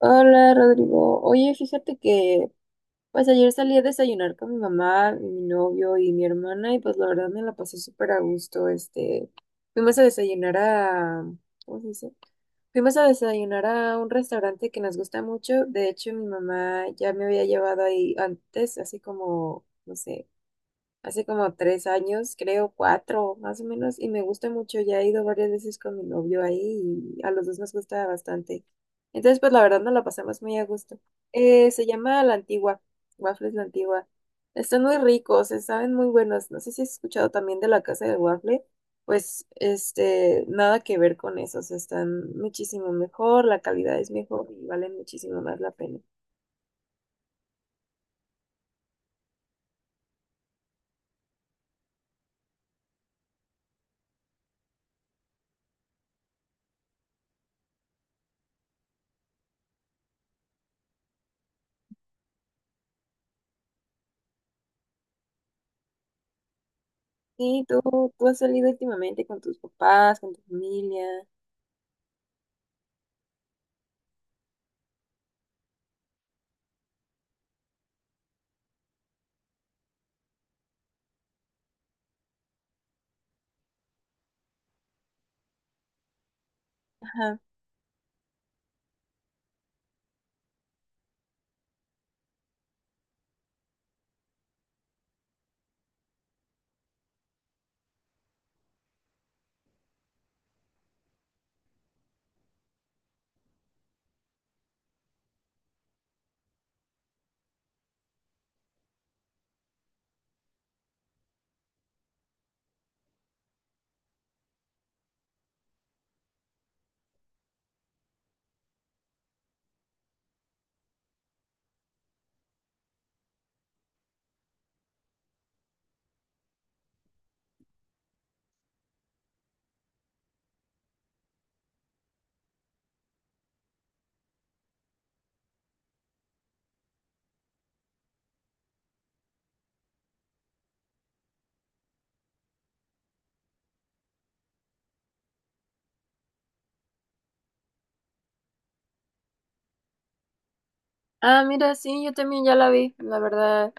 Hola Rodrigo, oye, fíjate que pues ayer salí a desayunar con mi mamá, y mi novio y mi hermana y pues la verdad me la pasé súper a gusto, fuimos a desayunar a, ¿cómo se dice? Fuimos a desayunar a un restaurante que nos gusta mucho, de hecho mi mamá ya me había llevado ahí antes, así como, no sé, hace como tres años, creo cuatro más o menos, y me gusta mucho. Ya he ido varias veces con mi novio ahí y a los dos nos gusta bastante. Entonces, pues la verdad nos la pasamos muy a gusto. Se llama La Antigua, Waffles La Antigua. Están muy ricos, se saben muy buenos. No sé si has escuchado también de la casa del waffle. Pues, nada que ver con esos. Están muchísimo mejor, la calidad es mejor y valen muchísimo más la pena. Sí, tú has salido últimamente con tus papás, con tu familia. Ajá. Ah, mira, sí, yo también ya la vi, la verdad.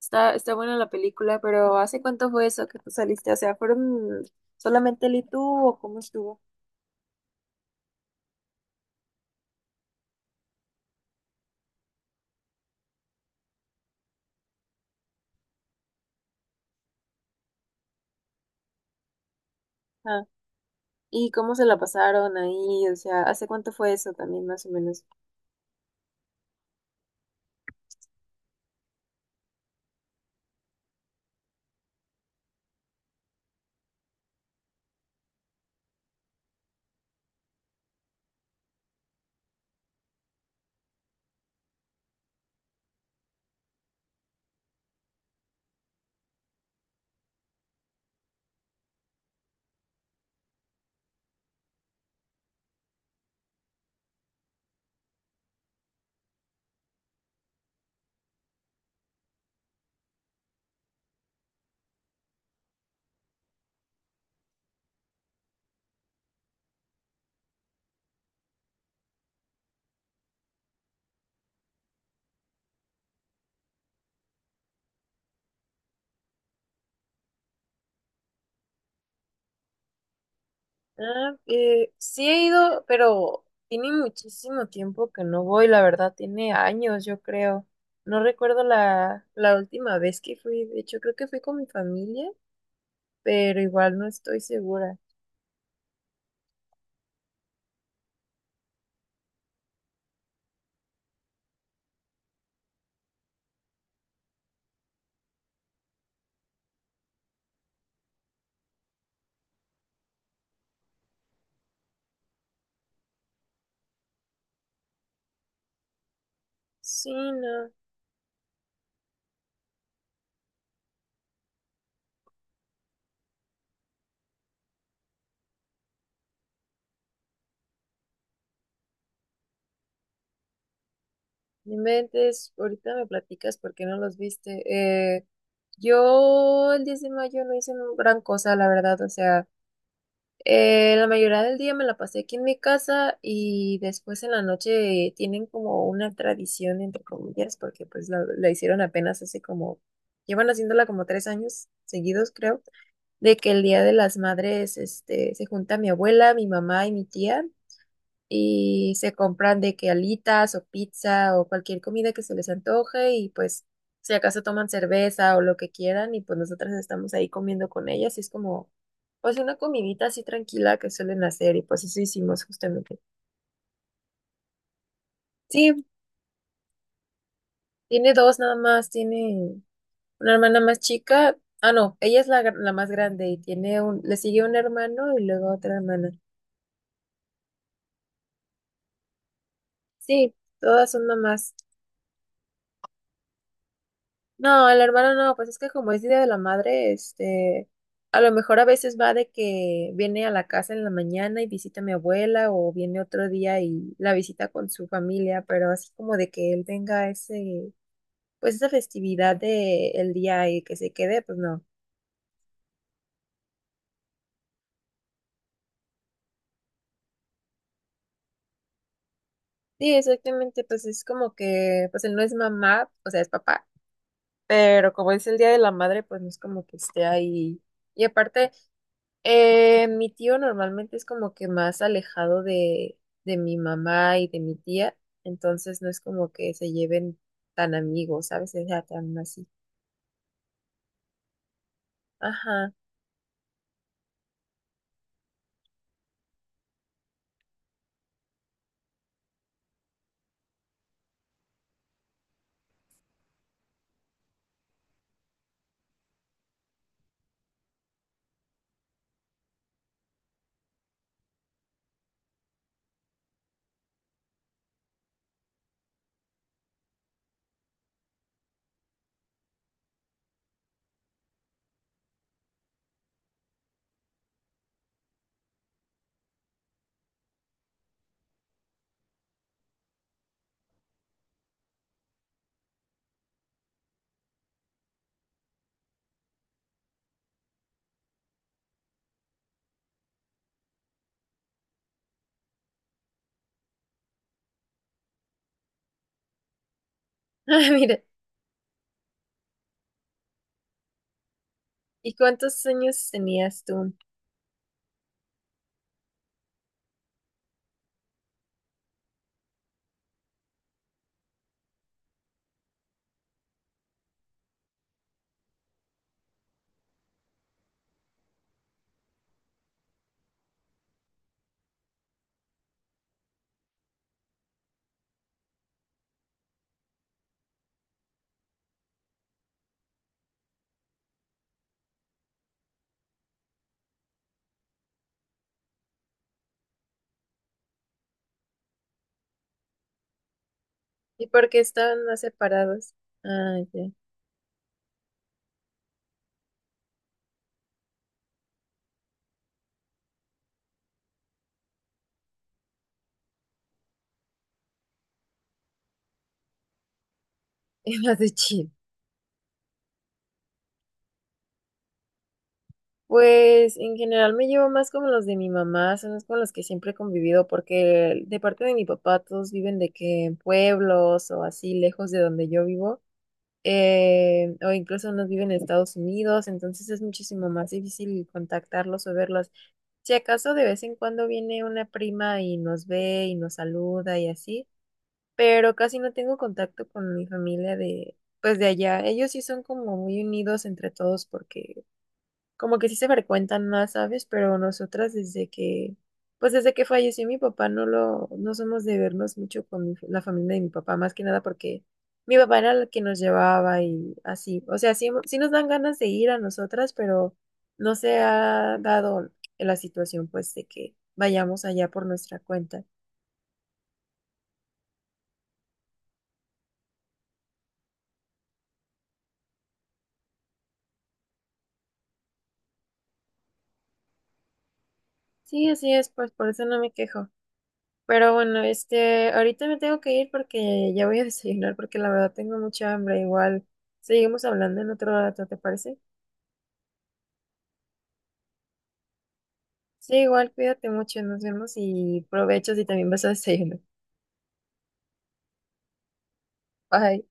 Está buena la película, pero ¿hace cuánto fue eso que tú saliste? O sea, ¿fueron solamente él y tú o cómo estuvo? Ah, ¿y cómo se la pasaron ahí? O sea, ¿hace cuánto fue eso también, más o menos? Sí he ido, pero tiene muchísimo tiempo que no voy, la verdad, tiene años, yo creo. No recuerdo la última vez que fui, de hecho creo que fui con mi familia, pero igual no estoy segura. Sí, no. No Inventes, ahorita me platicas por qué no los viste. Eh, yo el 10 de mayo no hice gran cosa, la verdad. O sea, la mayoría del día me la pasé aquí en mi casa y después en la noche tienen como una tradición, entre comillas, porque pues la hicieron apenas hace como, llevan haciéndola como tres años seguidos, creo, de que el Día de las Madres, se junta mi abuela, mi mamá y mi tía y se compran de que alitas o pizza o cualquier comida que se les antoje y pues si acaso toman cerveza o lo que quieran y pues nosotras estamos ahí comiendo con ellas y es como pues una comidita así tranquila que suelen hacer y pues eso hicimos justamente. Sí, tiene dos nada más, tiene una hermana más chica, ah no, ella es la más grande y tiene un, le sigue un hermano y luego otra hermana. Sí, todas son mamás. No, el hermano no, pues es que como es Día de la Madre, a lo mejor a veces va de que viene a la casa en la mañana y visita a mi abuela o viene otro día y la visita con su familia, pero así como de que él tenga ese, pues esa festividad de el día y que se quede, pues no. Sí, exactamente, pues es como que, pues él no es mamá, o sea, es papá, pero como es el Día de la Madre, pues no es como que esté ahí. Y aparte mi tío normalmente es como que más alejado de mi mamá y de mi tía, entonces no es como que se lleven tan amigos, ¿sabes? O sea, tan así. Ajá. Ah, mira. ¿Y cuántos años tenías tú? ¿Y por qué estaban más separados? Ah, ya. Es más de chill. Pues en general me llevo más como los de mi mamá, son los con los que siempre he convivido, porque de parte de mi papá todos viven de que en pueblos o así lejos de donde yo vivo. O incluso no viven en Estados Unidos, entonces es muchísimo más difícil contactarlos o verlos. Si acaso de vez en cuando viene una prima y nos ve y nos saluda y así, pero casi no tengo contacto con mi familia de, pues de allá. Ellos sí son como muy unidos entre todos porque como que sí se frecuentan más, ¿sabes? Pero nosotras desde que, pues desde que falleció mi papá no lo, no somos de vernos mucho con la familia de mi papá, más que nada porque mi papá era el que nos llevaba y así. O sea, sí, sí nos dan ganas de ir a nosotras, pero no se ha dado la situación pues de que vayamos allá por nuestra cuenta. Sí, así es, pues por eso no me quejo. Pero bueno, ahorita me tengo que ir porque ya voy a desayunar porque la verdad tengo mucha hambre. Igual, seguimos hablando en otro rato, ¿te parece? Sí, igual, cuídate mucho, nos vemos y provecho si también vas a desayunar. Bye.